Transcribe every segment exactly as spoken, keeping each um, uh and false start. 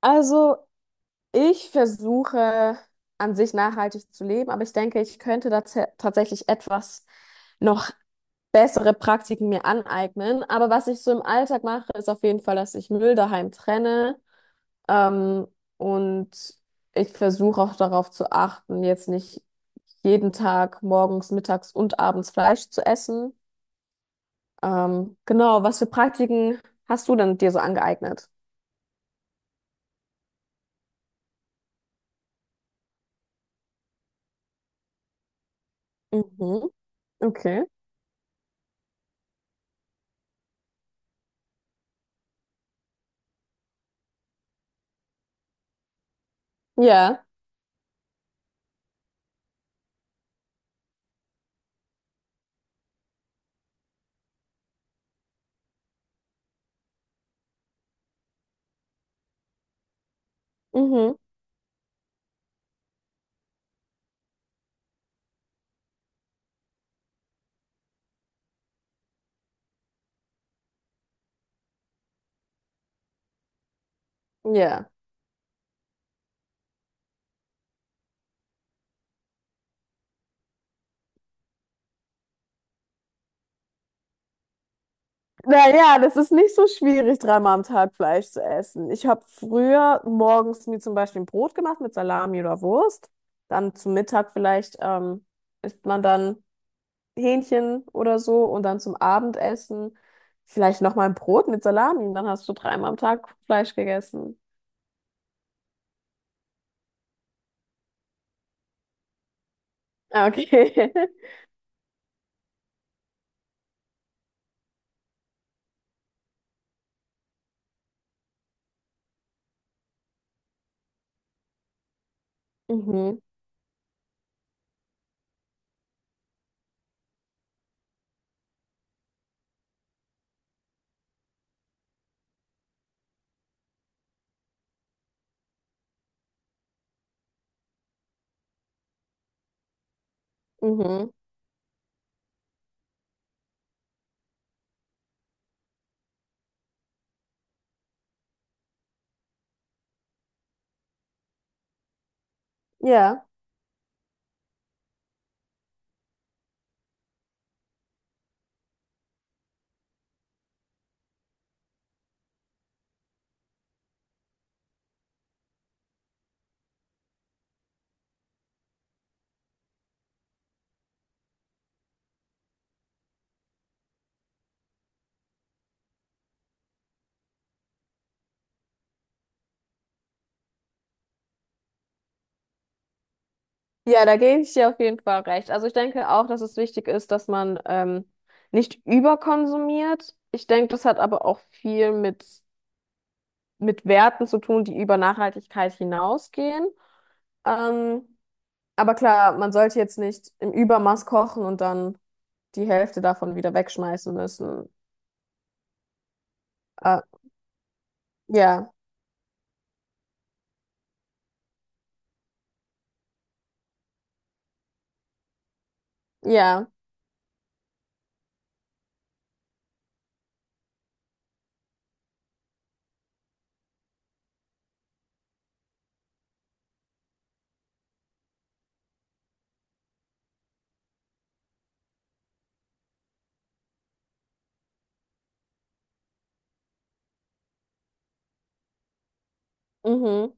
Also, ich versuche an sich nachhaltig zu leben, aber ich denke, ich könnte da ta- tatsächlich etwas noch bessere Praktiken mir aneignen. Aber was ich so im Alltag mache, ist auf jeden Fall, dass ich Müll daheim trenne. Ähm, und ich versuche auch darauf zu achten, jetzt nicht jeden Tag morgens, mittags und abends Fleisch zu essen. Ähm, genau, was für Praktiken hast du denn dir so angeeignet? Mhm. Okay. Ja. Mhm. Ja. Naja, das ist nicht so schwierig, dreimal am Tag Fleisch zu essen. Ich habe früher morgens mir zum Beispiel ein Brot gemacht mit Salami oder Wurst. Dann zum Mittag vielleicht ähm, isst man dann Hähnchen oder so und dann zum Abendessen vielleicht nochmal ein Brot mit Salami. Und dann hast du dreimal am Tag Fleisch gegessen. Ah, okay. Mhm, mhm. Ja. Ja, da gebe ich dir auf jeden Fall recht. Also ich denke auch, dass es wichtig ist, dass man ähm, nicht überkonsumiert. Ich denke, das hat aber auch viel mit, mit Werten zu tun, die über Nachhaltigkeit hinausgehen. Ähm, aber klar, man sollte jetzt nicht im Übermaß kochen und dann die Hälfte davon wieder wegschmeißen müssen. Äh, ja, ja, mhm.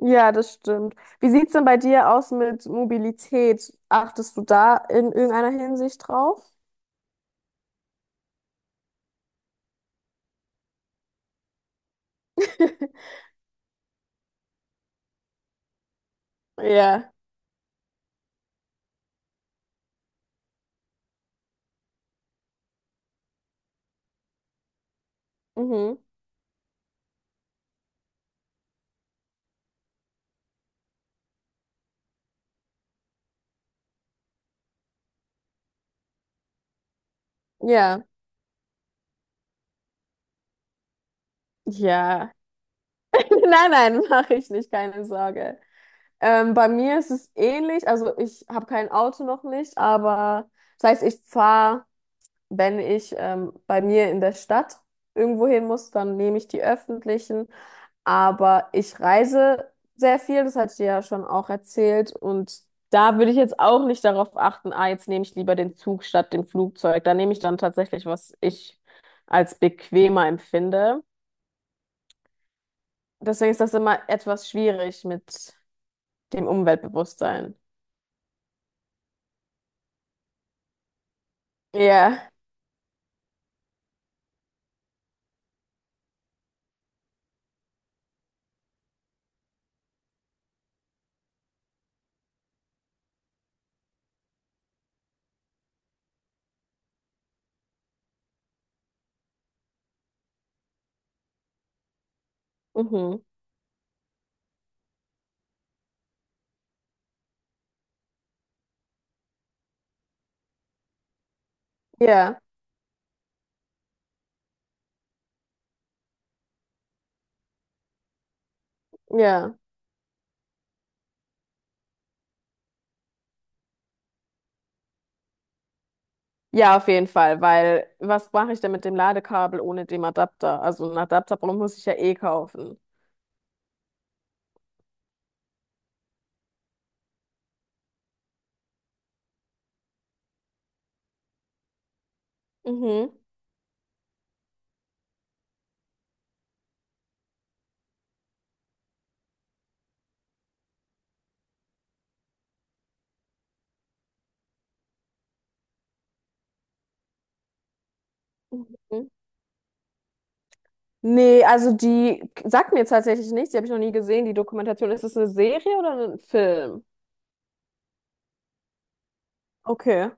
Ja, das stimmt. Wie sieht's denn bei dir aus mit Mobilität? Achtest du da in irgendeiner Hinsicht drauf? Ja. Mhm. Ja, ja. Nein, nein, mache ich nicht, keine Sorge. Ähm, bei mir ist es ähnlich. Also ich habe kein Auto noch nicht, aber das heißt, ich fahre, wenn ich ähm, bei mir in der Stadt irgendwo hin muss, dann nehme ich die öffentlichen. Aber ich reise sehr viel, das hatte ich dir ja schon auch erzählt. Und da würde ich jetzt auch nicht darauf achten, ah, jetzt nehme ich lieber den Zug statt dem Flugzeug. Da nehme ich dann tatsächlich, was ich als bequemer empfinde. Deswegen ist das immer etwas schwierig mit dem Umweltbewusstsein. Ja. Mhm. Ja. Ja. Ja, auf jeden Fall, weil was mache ich denn mit dem Ladekabel ohne dem Adapter? Also einen Adapter brauche- muss ich ja eh kaufen. Mhm. Mhm. Nee, also die sagt mir jetzt tatsächlich nichts, die habe ich noch nie gesehen, die Dokumentation. Ist das eine Serie oder ein Film? Okay.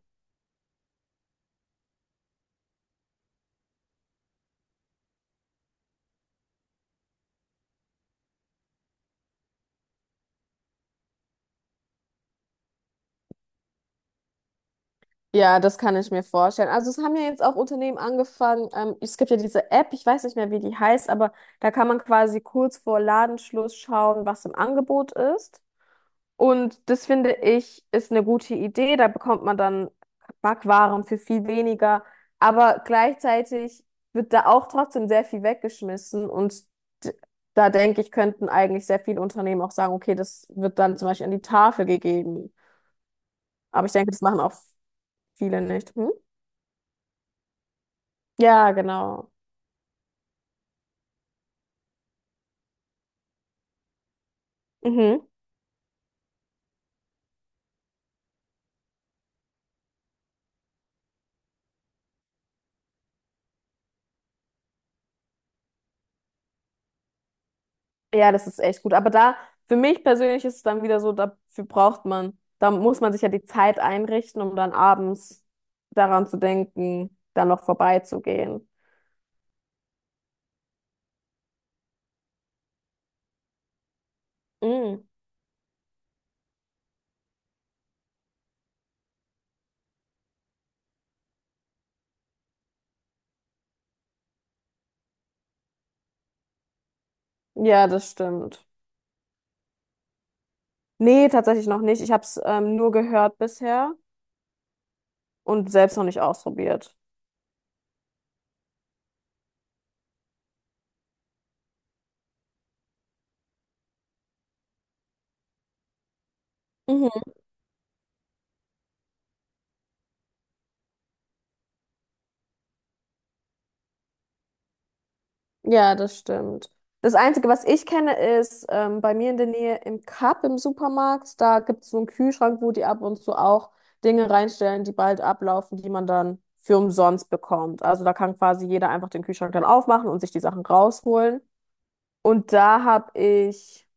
Ja, das kann ich mir vorstellen. Also es haben ja jetzt auch Unternehmen angefangen. Ähm, es gibt ja diese App, ich weiß nicht mehr, wie die heißt, aber da kann man quasi kurz vor Ladenschluss schauen, was im Angebot ist. Und das finde ich ist eine gute Idee. Da bekommt man dann Backwaren für viel weniger. Aber gleichzeitig wird da auch trotzdem sehr viel weggeschmissen. Und d- da denke ich, könnten eigentlich sehr viele Unternehmen auch sagen, okay, das wird dann zum Beispiel an die Tafel gegeben. Aber ich denke, das machen auch viele nicht. Hm? Ja, genau. Mhm. Ja, das ist echt gut. Aber da, für mich persönlich ist es dann wieder so, dafür braucht man, da muss man sich ja die Zeit einrichten, um dann abends daran zu denken, dann noch vorbeizugehen. Mhm. Ja, das stimmt. Nee, tatsächlich noch nicht. Ich habe es ähm, nur gehört bisher und selbst noch nicht ausprobiert. Mhm. Ja, das stimmt. Das Einzige, was ich kenne, ist ähm, bei mir in der Nähe im Cup im Supermarkt. Da gibt es so einen Kühlschrank, wo die ab und zu auch Dinge reinstellen, die bald ablaufen, die man dann für umsonst bekommt. Also da kann quasi jeder einfach den Kühlschrank dann aufmachen und sich die Sachen rausholen. Und da habe ich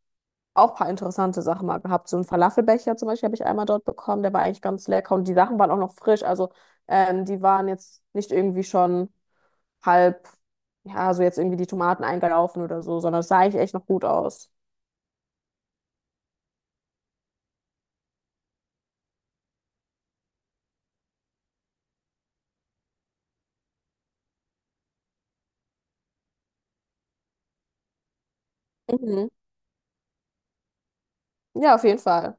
auch ein paar interessante Sachen mal gehabt. So einen Falafelbecher zum Beispiel habe ich einmal dort bekommen. Der war eigentlich ganz lecker und die Sachen waren auch noch frisch. Also ähm, die waren jetzt nicht irgendwie schon halb, ja, so jetzt irgendwie die Tomaten eingelaufen oder so, sondern es sah eigentlich echt noch gut aus. Mhm. Ja, auf jeden Fall.